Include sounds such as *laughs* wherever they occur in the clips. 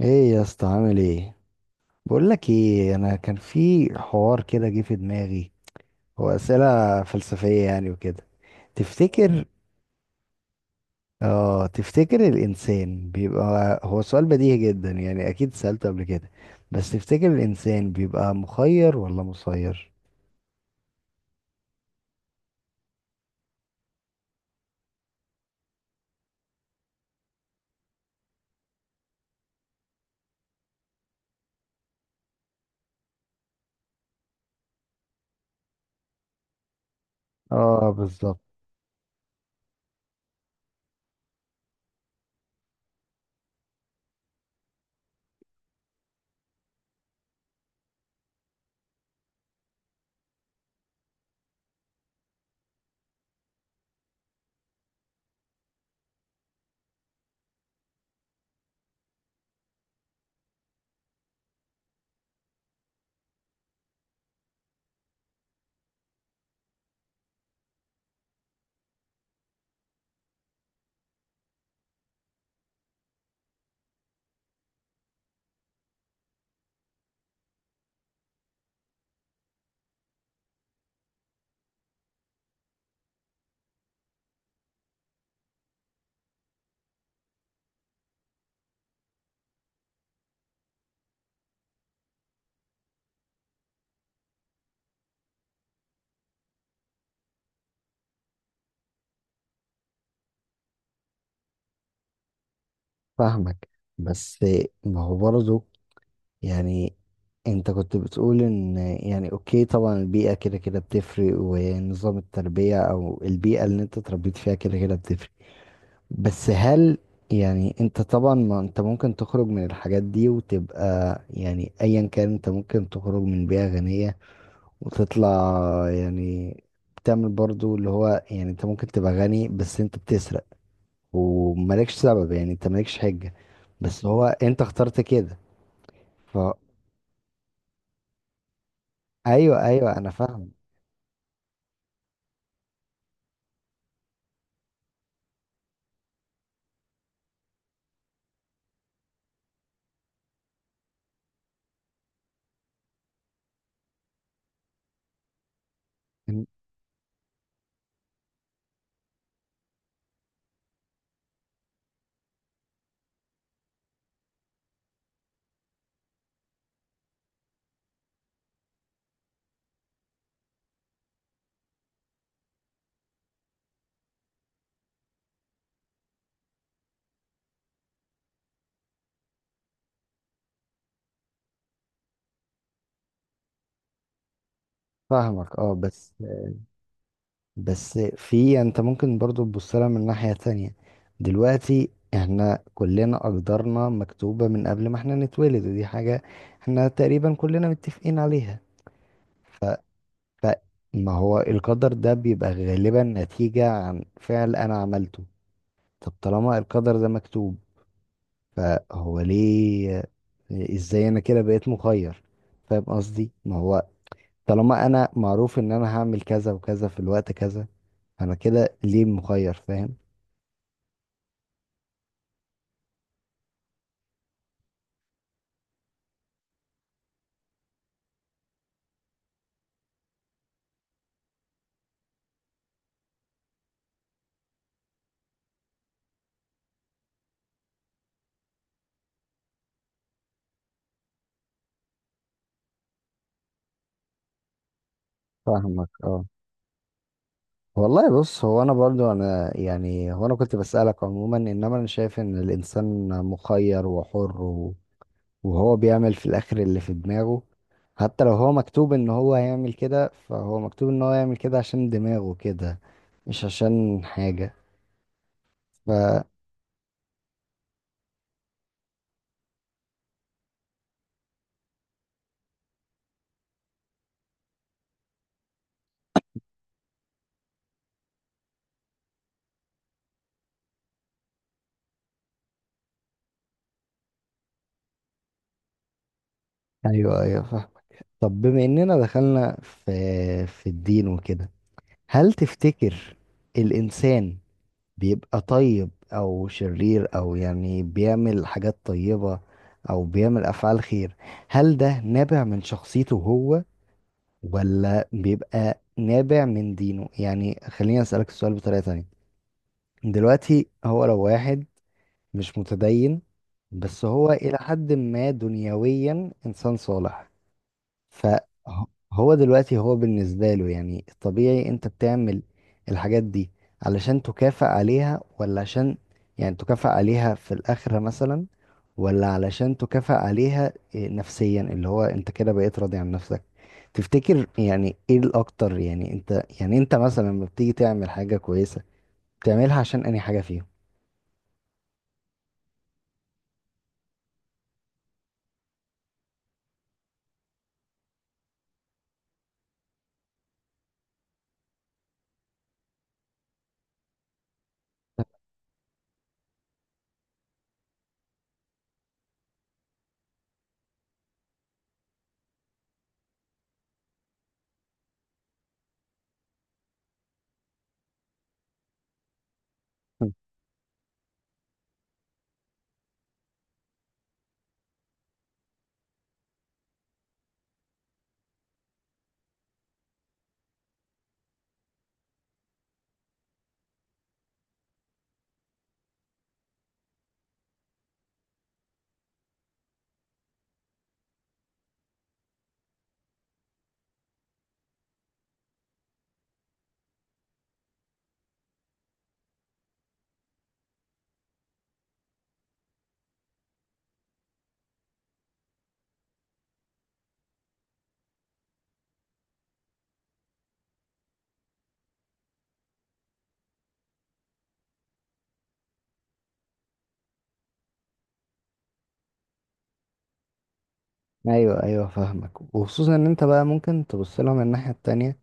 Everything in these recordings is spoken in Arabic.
ايه يا اسطى، عامل ايه؟ بقول لك ايه، انا كان في حوار كده جه في دماغي، هو اسئله فلسفيه يعني وكده. تفتكر؟ اه، تفتكر الانسان بيبقى، هو سؤال بديهي جدا يعني، اكيد سالته قبل كده. بس تفتكر الانسان بيبقى مخير ولا مسير؟ اه، بالظبط. فاهمك، بس ما هو برضه يعني، انت كنت بتقول ان يعني اوكي، طبعا البيئة كده كده بتفرق ونظام التربية او البيئة اللي انت اتربيت فيها كده كده بتفرق. بس هل، يعني انت طبعا، ما انت ممكن تخرج من الحاجات دي وتبقى، يعني ايا كان، انت ممكن تخرج من بيئة غنية وتطلع، يعني بتعمل برضو اللي هو، يعني انت ممكن تبقى غني بس انت بتسرق ومالكش سبب، يعني انت مالكش حجة، بس هو انت اخترت كده. ف ايوه ايوه، انا فاهم. إن- فاهمك، اه. بس في، انت ممكن برضو تبص لها من ناحية تانية. دلوقتي احنا كلنا اقدارنا مكتوبة من قبل ما احنا نتولد، ودي حاجة احنا تقريبا كلنا متفقين عليها. فما هو القدر ده بيبقى غالبا نتيجة عن فعل انا عملته. طب طالما القدر ده مكتوب، فهو ليه، ازاي انا كده بقيت مخير؟ فاهم قصدي، ما هو طالما انا معروف ان انا هعمل كذا وكذا في الوقت كذا، انا كده ليه مخير، فاهم؟ فاهمك، اه. والله، بص، هو انا برضو، انا يعني، هو انا كنت بسألك عموما، انما انا شايف ان الانسان مخير وحر وهو بيعمل في الاخر اللي في دماغه. حتى لو هو مكتوب ان هو هيعمل كده، فهو مكتوب ان هو يعمل كده عشان دماغه كده، مش عشان حاجة. ف ايوه ايوه، فاهم. طب بما اننا دخلنا في الدين وكده، هل تفتكر الإنسان بيبقى طيب أو شرير، أو يعني بيعمل حاجات طيبة أو بيعمل أفعال خير؟ هل ده نابع من شخصيته هو، ولا بيبقى نابع من دينه؟ يعني خليني أسألك السؤال بطريقة تانية. دلوقتي هو لو واحد مش متدين، بس هو إلى حد ما دنيويا إنسان صالح، فهو دلوقتي هو بالنسبة له، يعني الطبيعي انت بتعمل الحاجات دي علشان تكافئ عليها، ولا عشان، يعني تكافئ عليها في الآخرة مثلا، ولا علشان تكافئ عليها إيه نفسيا، اللي هو انت كده بقيت راضي عن نفسك؟ تفتكر يعني ايه الاكتر، يعني انت، يعني انت مثلا لما بتيجي تعمل حاجة كويسة بتعملها عشان انهي حاجة فيهم؟ *laughs* ايوه ايوه، فاهمك، وخصوصا ان انت بقى ممكن تبص لها من الناحية التانية،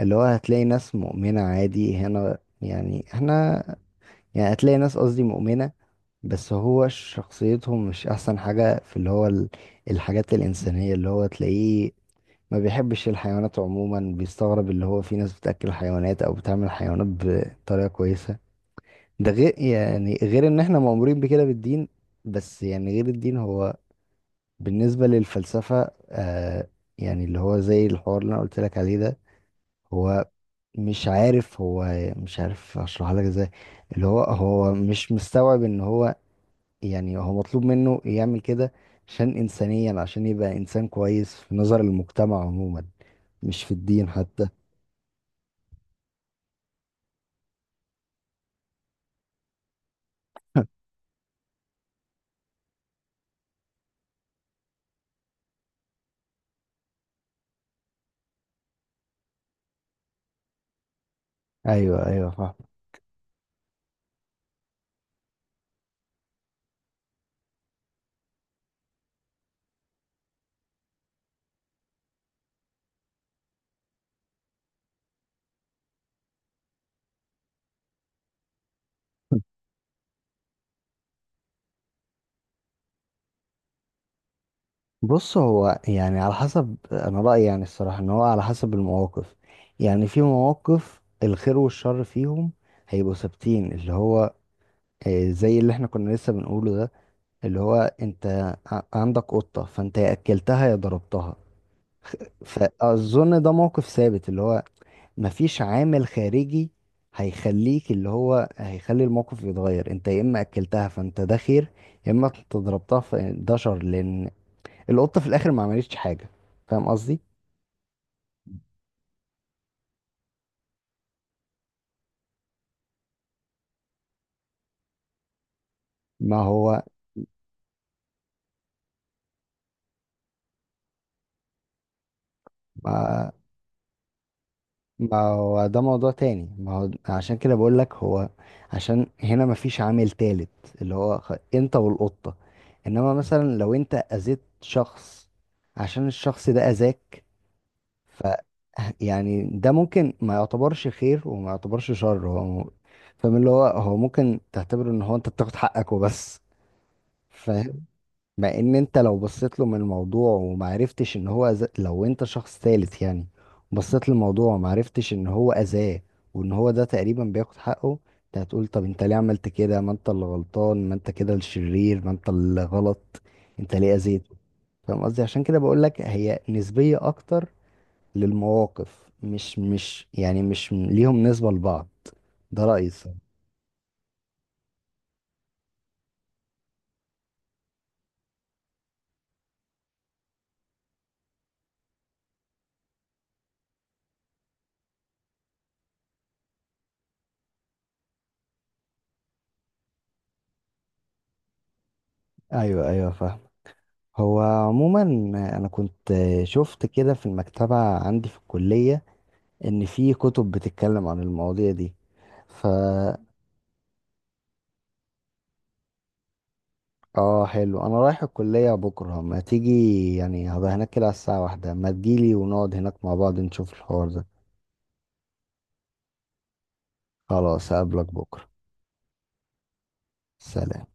اللي هو هتلاقي ناس مؤمنة عادي هنا، يعني احنا، يعني هتلاقي ناس، قصدي مؤمنة، بس هو شخصيتهم مش أحسن حاجة في اللي هو الحاجات الإنسانية، اللي هو تلاقيه ما بيحبش الحيوانات عموما، بيستغرب اللي هو في ناس بتأكل حيوانات أو بتعمل حيوانات بطريقة كويسة. ده غير، يعني غير إن احنا مأمورين بكده بالدين. بس يعني غير الدين، هو بالنسبة للفلسفة آه، يعني اللي هو زي الحوار اللي أنا قلت لك عليه ده، هو مش عارف، هو مش عارف اشرحها لك ازاي. اللي هو هو مش مستوعب ان هو، يعني هو مطلوب منه يعمل كده عشان انسانيا، عشان يبقى انسان كويس في نظر المجتمع عموما، مش في الدين حتى. ايوه ايوه، فاهم. بص، هو يعني على حسب انا رأيي، يعني الصراحة ان هو على حسب المواقف. يعني في مواقف الخير والشر فيهم هيبقوا ثابتين، اللي هو زي اللي احنا كنا لسه بنقوله ده، اللي هو انت عندك قطة، فانت يا اكلتها يا ضربتها. فاظن ده موقف ثابت، اللي هو مفيش عامل خارجي هيخليك، اللي هو هيخلي الموقف يتغير، انت يا اما اكلتها فانت ده خير، يا اما انت ضربتها فده شر، لان القطة في الاخر ما عملتش حاجة. فاهم قصدي؟ ما هو ما ما هو ده موضوع تاني، ما هو عشان كده بقول لك هو، عشان هنا مفيش عامل تالت، اللي هو انت والقطة. انما مثلا لو انت اذيت شخص عشان الشخص ده اذاك، ف *laughs* يعني ده ممكن ما يعتبرش خير وما يعتبرش شر، هو فاهم؟ اللي هو هو ممكن تعتبره ان هو انت بتاخد حقك وبس. *laughs* مع ان انت لو بصيت له من الموضوع ومعرفتش ان هو أذى، لو انت شخص ثالث يعني بصيت للموضوع ومعرفتش ان هو اذاه، وان هو ده تقريبا بياخد حقه، انت هتقول طب انت ليه عملت كده، ما انت اللي غلطان، ما انت كده الشرير، ما انت اللي غلط، انت ليه اذيته؟ فاهم قصدي؟ عشان كده بقول لك هي نسبية اكتر للمواقف، مش يعني مش ليهم نسبة لبعض. ده رأيي الصراحة. ايوه ايوه، فاهم. هو عموما، انا كنت شفت كده في المكتبة عندي في الكلية، ان في كتب بتتكلم عن المواضيع دي. ف اه، حلو، انا رايح الكلية بكرة، ما تيجي، يعني هبقى هناك كده على الساعة 1، ما تجيلي ونقعد هناك مع بعض نشوف الحوار ده. خلاص، هقابلك بكرة. سلام.